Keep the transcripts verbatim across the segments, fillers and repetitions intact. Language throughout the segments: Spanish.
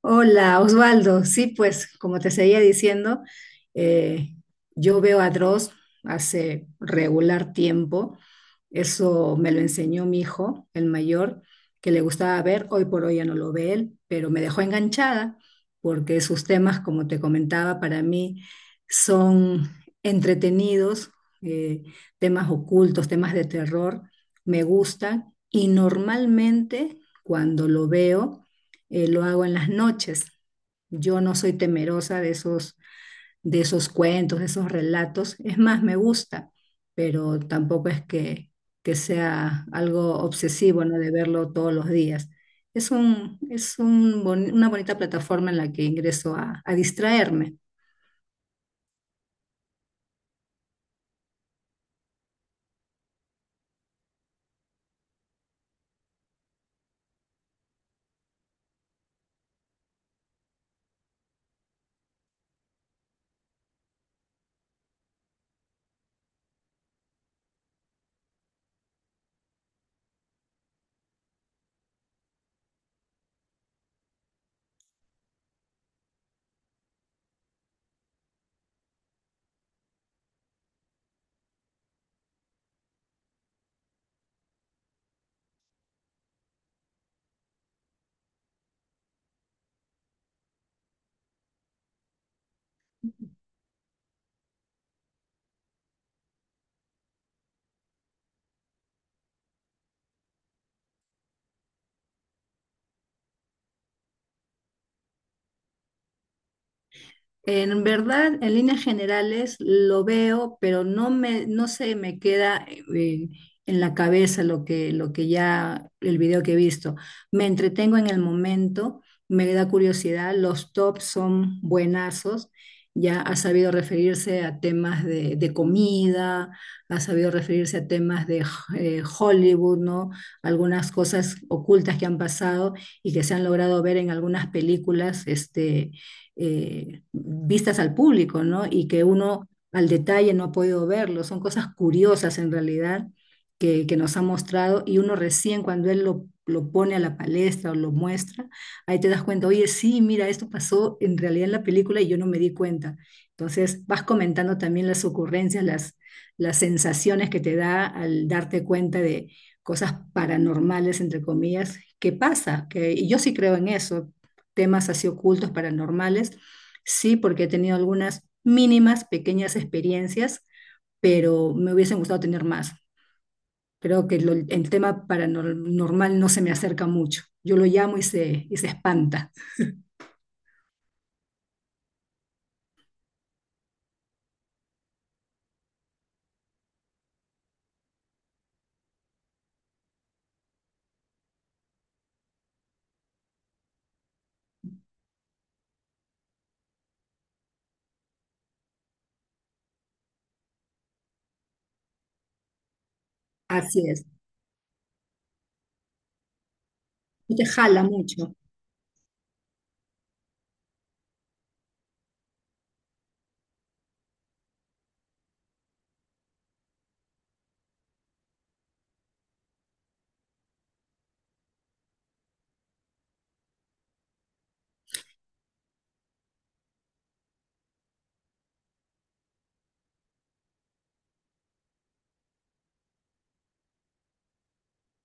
Hola, Osvaldo. Sí, pues como te seguía diciendo, eh, yo veo a Dross hace regular tiempo. Eso me lo enseñó mi hijo, el mayor, que le gustaba ver. Hoy por hoy ya no lo ve él, pero me dejó enganchada porque sus temas, como te comentaba, para mí son entretenidos, eh, temas ocultos, temas de terror. Me gustan y normalmente cuando lo veo eh, lo hago en las noches. Yo no soy temerosa de esos, de esos, cuentos, de esos relatos. Es más, me gusta, pero tampoco es que, que sea algo obsesivo, ¿no? De verlo todos los días. Es un, es un boni- una bonita plataforma en la que ingreso a, a distraerme. En verdad, en líneas generales lo veo, pero no me, no se me queda eh, en la cabeza lo que, lo que ya, el video que he visto. Me entretengo en el momento, me da curiosidad, los tops son buenazos, ya ha sabido referirse a temas de, de comida, ha sabido referirse a temas de eh, Hollywood, ¿no? Algunas cosas ocultas que han pasado y que se han logrado ver en algunas películas, este eh, vistas al público, ¿no? Y que uno al detalle no ha podido verlo. Son cosas curiosas en realidad que, que nos ha mostrado y uno recién cuando él lo, lo pone a la palestra o lo muestra, ahí te das cuenta, oye, sí, mira, esto pasó en realidad en la película y yo no me di cuenta. Entonces vas comentando también las ocurrencias, las, las sensaciones que te da al darte cuenta de cosas paranormales, entre comillas, que pasa, que y yo sí creo en eso, temas así ocultos, paranormales. Sí, porque he tenido algunas mínimas, pequeñas experiencias, pero me hubiesen gustado tener más. Creo que lo- el tema paranormal no se me acerca mucho. Yo lo llamo y se, y se espanta. Así es. Y te jala mucho.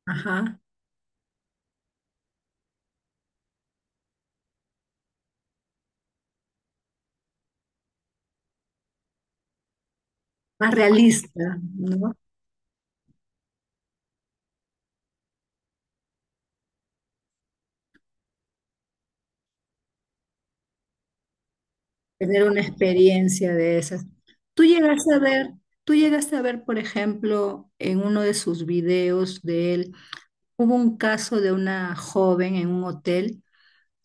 Ajá. Más realista, ¿no? Tener una experiencia de esas. Tú llegaste a ver, tú llegaste a ver, por ejemplo, en uno de sus videos de él, hubo un caso de una joven en un hotel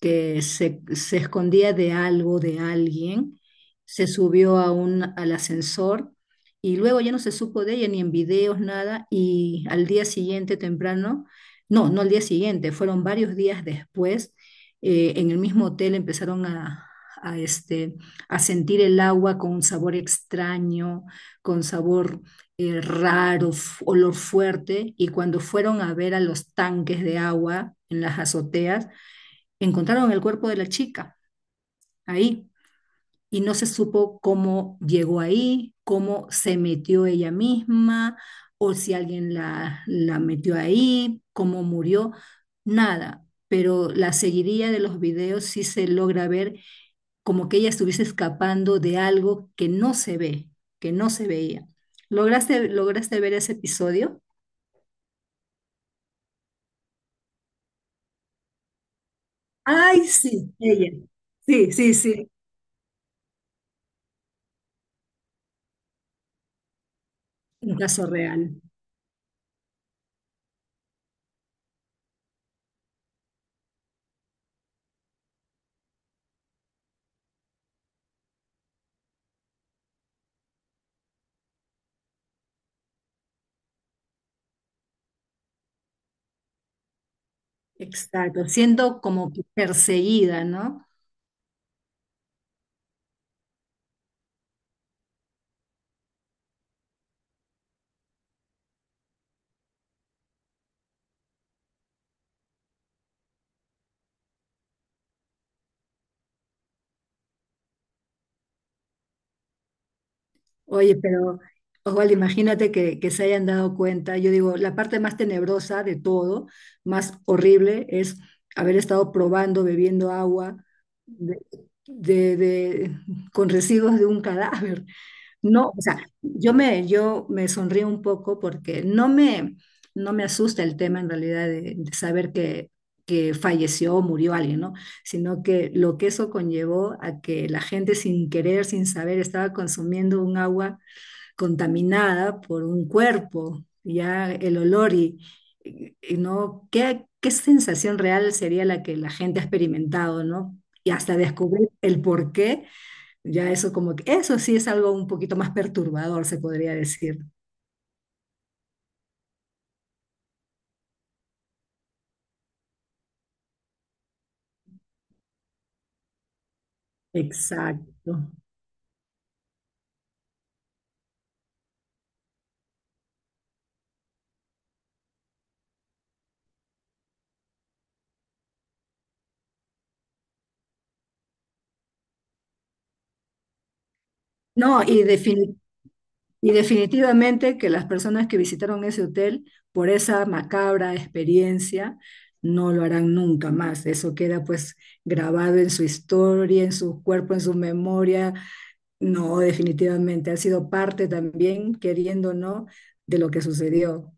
que se, se escondía de algo, de alguien, se subió a un, al ascensor y luego ya no se supo de ella ni en videos, nada, y al día siguiente temprano, no, no al día siguiente, fueron varios días después, eh, en el mismo hotel empezaron a, a, este, a sentir el agua con un sabor extraño, con sabor eh, raro, f- olor fuerte, y cuando fueron a ver a los tanques de agua en las azoteas, encontraron el cuerpo de la chica ahí y no se supo cómo llegó ahí, cómo se metió ella misma o si alguien la, la metió ahí, cómo murió, nada. Pero la seguiría de los videos sí se logra ver como que ella estuviese escapando de algo que no se ve, que no se veía. ¿Lograste, lograste ver ese episodio? Ay, sí, ella. Sí, sí, sí. Un caso real. Exacto, siendo como que perseguida, ¿no? Oye, pero Osvaldo, imagínate que, que se hayan dado cuenta. Yo digo, la parte más tenebrosa de todo, más horrible, es haber estado probando, bebiendo agua de, de- de- con residuos de un cadáver. No, o sea, yo me, yo me sonrío un poco porque no me, no me asusta el tema en realidad de, de saber que, que falleció o murió alguien, ¿no? Sino que lo que eso conllevó a que la gente sin querer, sin saber, estaba consumiendo un agua contaminada por un cuerpo, ya el olor y, y- y no, ¿qué, qué sensación real sería la que la gente ha experimentado? ¿No? Y hasta descubrir el porqué ya eso como que, eso sí es algo un poquito más perturbador, se podría decir. Exacto. No, y, defini- y definitivamente que las personas que visitaron ese hotel por esa macabra experiencia no lo harán nunca más. Eso queda pues grabado en su historia, en su cuerpo, en su memoria. No, definitivamente ha sido parte también, queriendo o no, de lo que sucedió.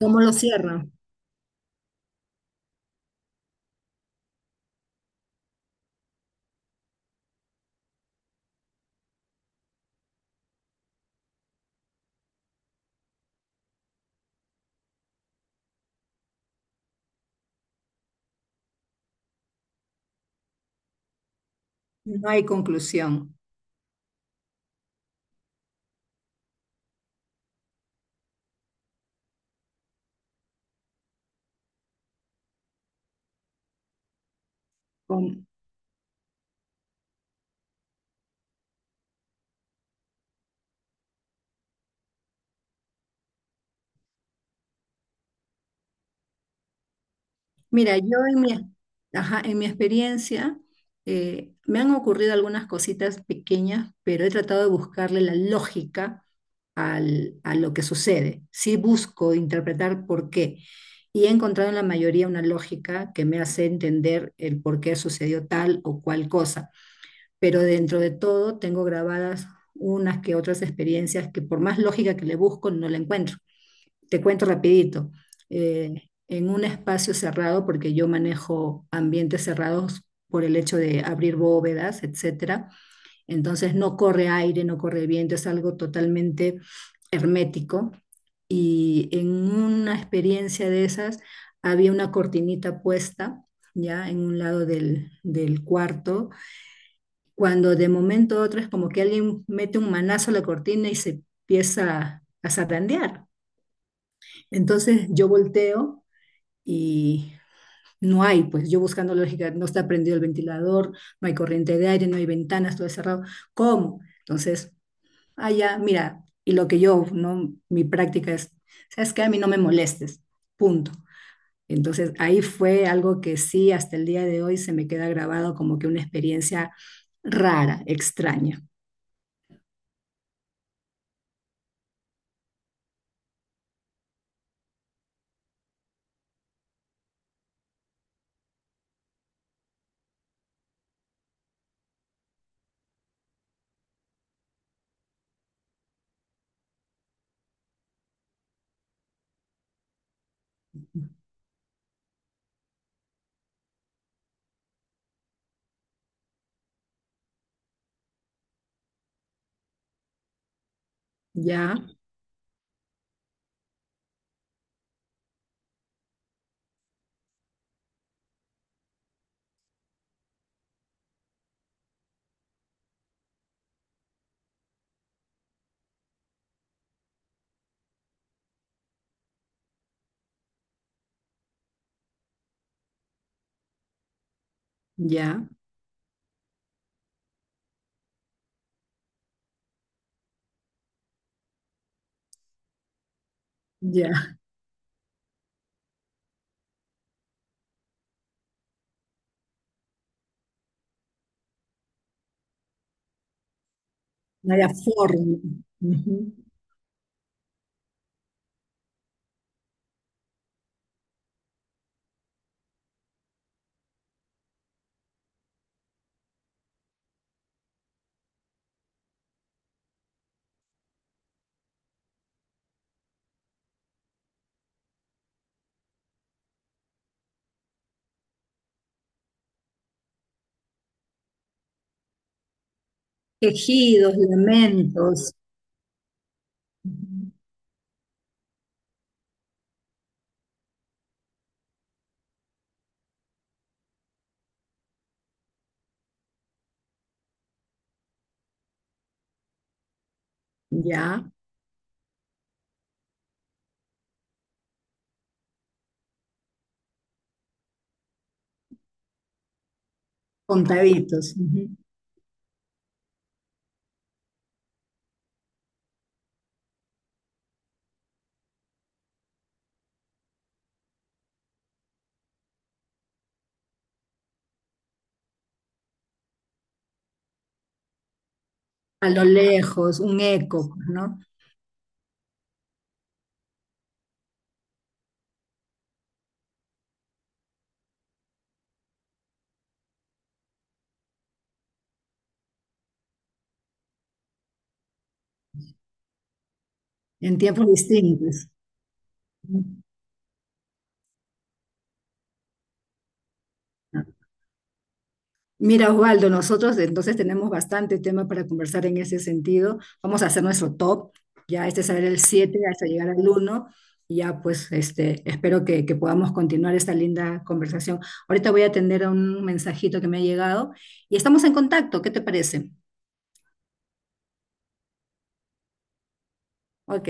¿Cómo lo cierra? No hay conclusión. Mira, yo en mi, ajá, en mi experiencia eh, me han ocurrido algunas cositas pequeñas, pero he tratado de buscarle la lógica al- a lo que sucede. Sí busco interpretar por qué y he encontrado en la mayoría una lógica que me hace entender el por qué sucedió tal o cual cosa. Pero dentro de todo tengo grabadas unas que otras experiencias que por más lógica que le busco no la encuentro. Te cuento rapidito. Eh, en un espacio cerrado, porque yo manejo ambientes cerrados por el hecho de abrir bóvedas, etcétera. Entonces no corre aire, no corre viento, es algo totalmente hermético. Y en una experiencia de esas había una cortinita puesta ya en un lado del, del cuarto, cuando de momento a otro es como que alguien mete un manazo a la cortina y se empieza a zarandear. Entonces yo volteo y no hay, pues yo buscando lógica, no está prendido el ventilador, no hay corriente de aire, no hay ventanas, todo es cerrado. ¿Cómo? Entonces, allá, mira, y lo que yo, no, mi práctica es, sabes que a mí no me molestes, punto. Entonces, ahí fue algo que sí, hasta el día de hoy se me queda grabado como que una experiencia rara, extraña. Ya, ya, ya. No había forma. Ujú. Quejidos, lamentos. Ujú. Ya. Contaditos, ujú. A lo lejos, un eco, pues, ¿no? En tiempos distintos. Mira, Osvaldo, nosotros entonces tenemos bastante tema para conversar en ese sentido. Vamos a hacer nuestro top, ya este será el siete hasta llegar al uno. Y ya, pues, este, espero que, que podamos continuar esta linda conversación. Ahorita voy a atender a un mensajito que me ha llegado y estamos en contacto. ¿Qué te parece? Ok.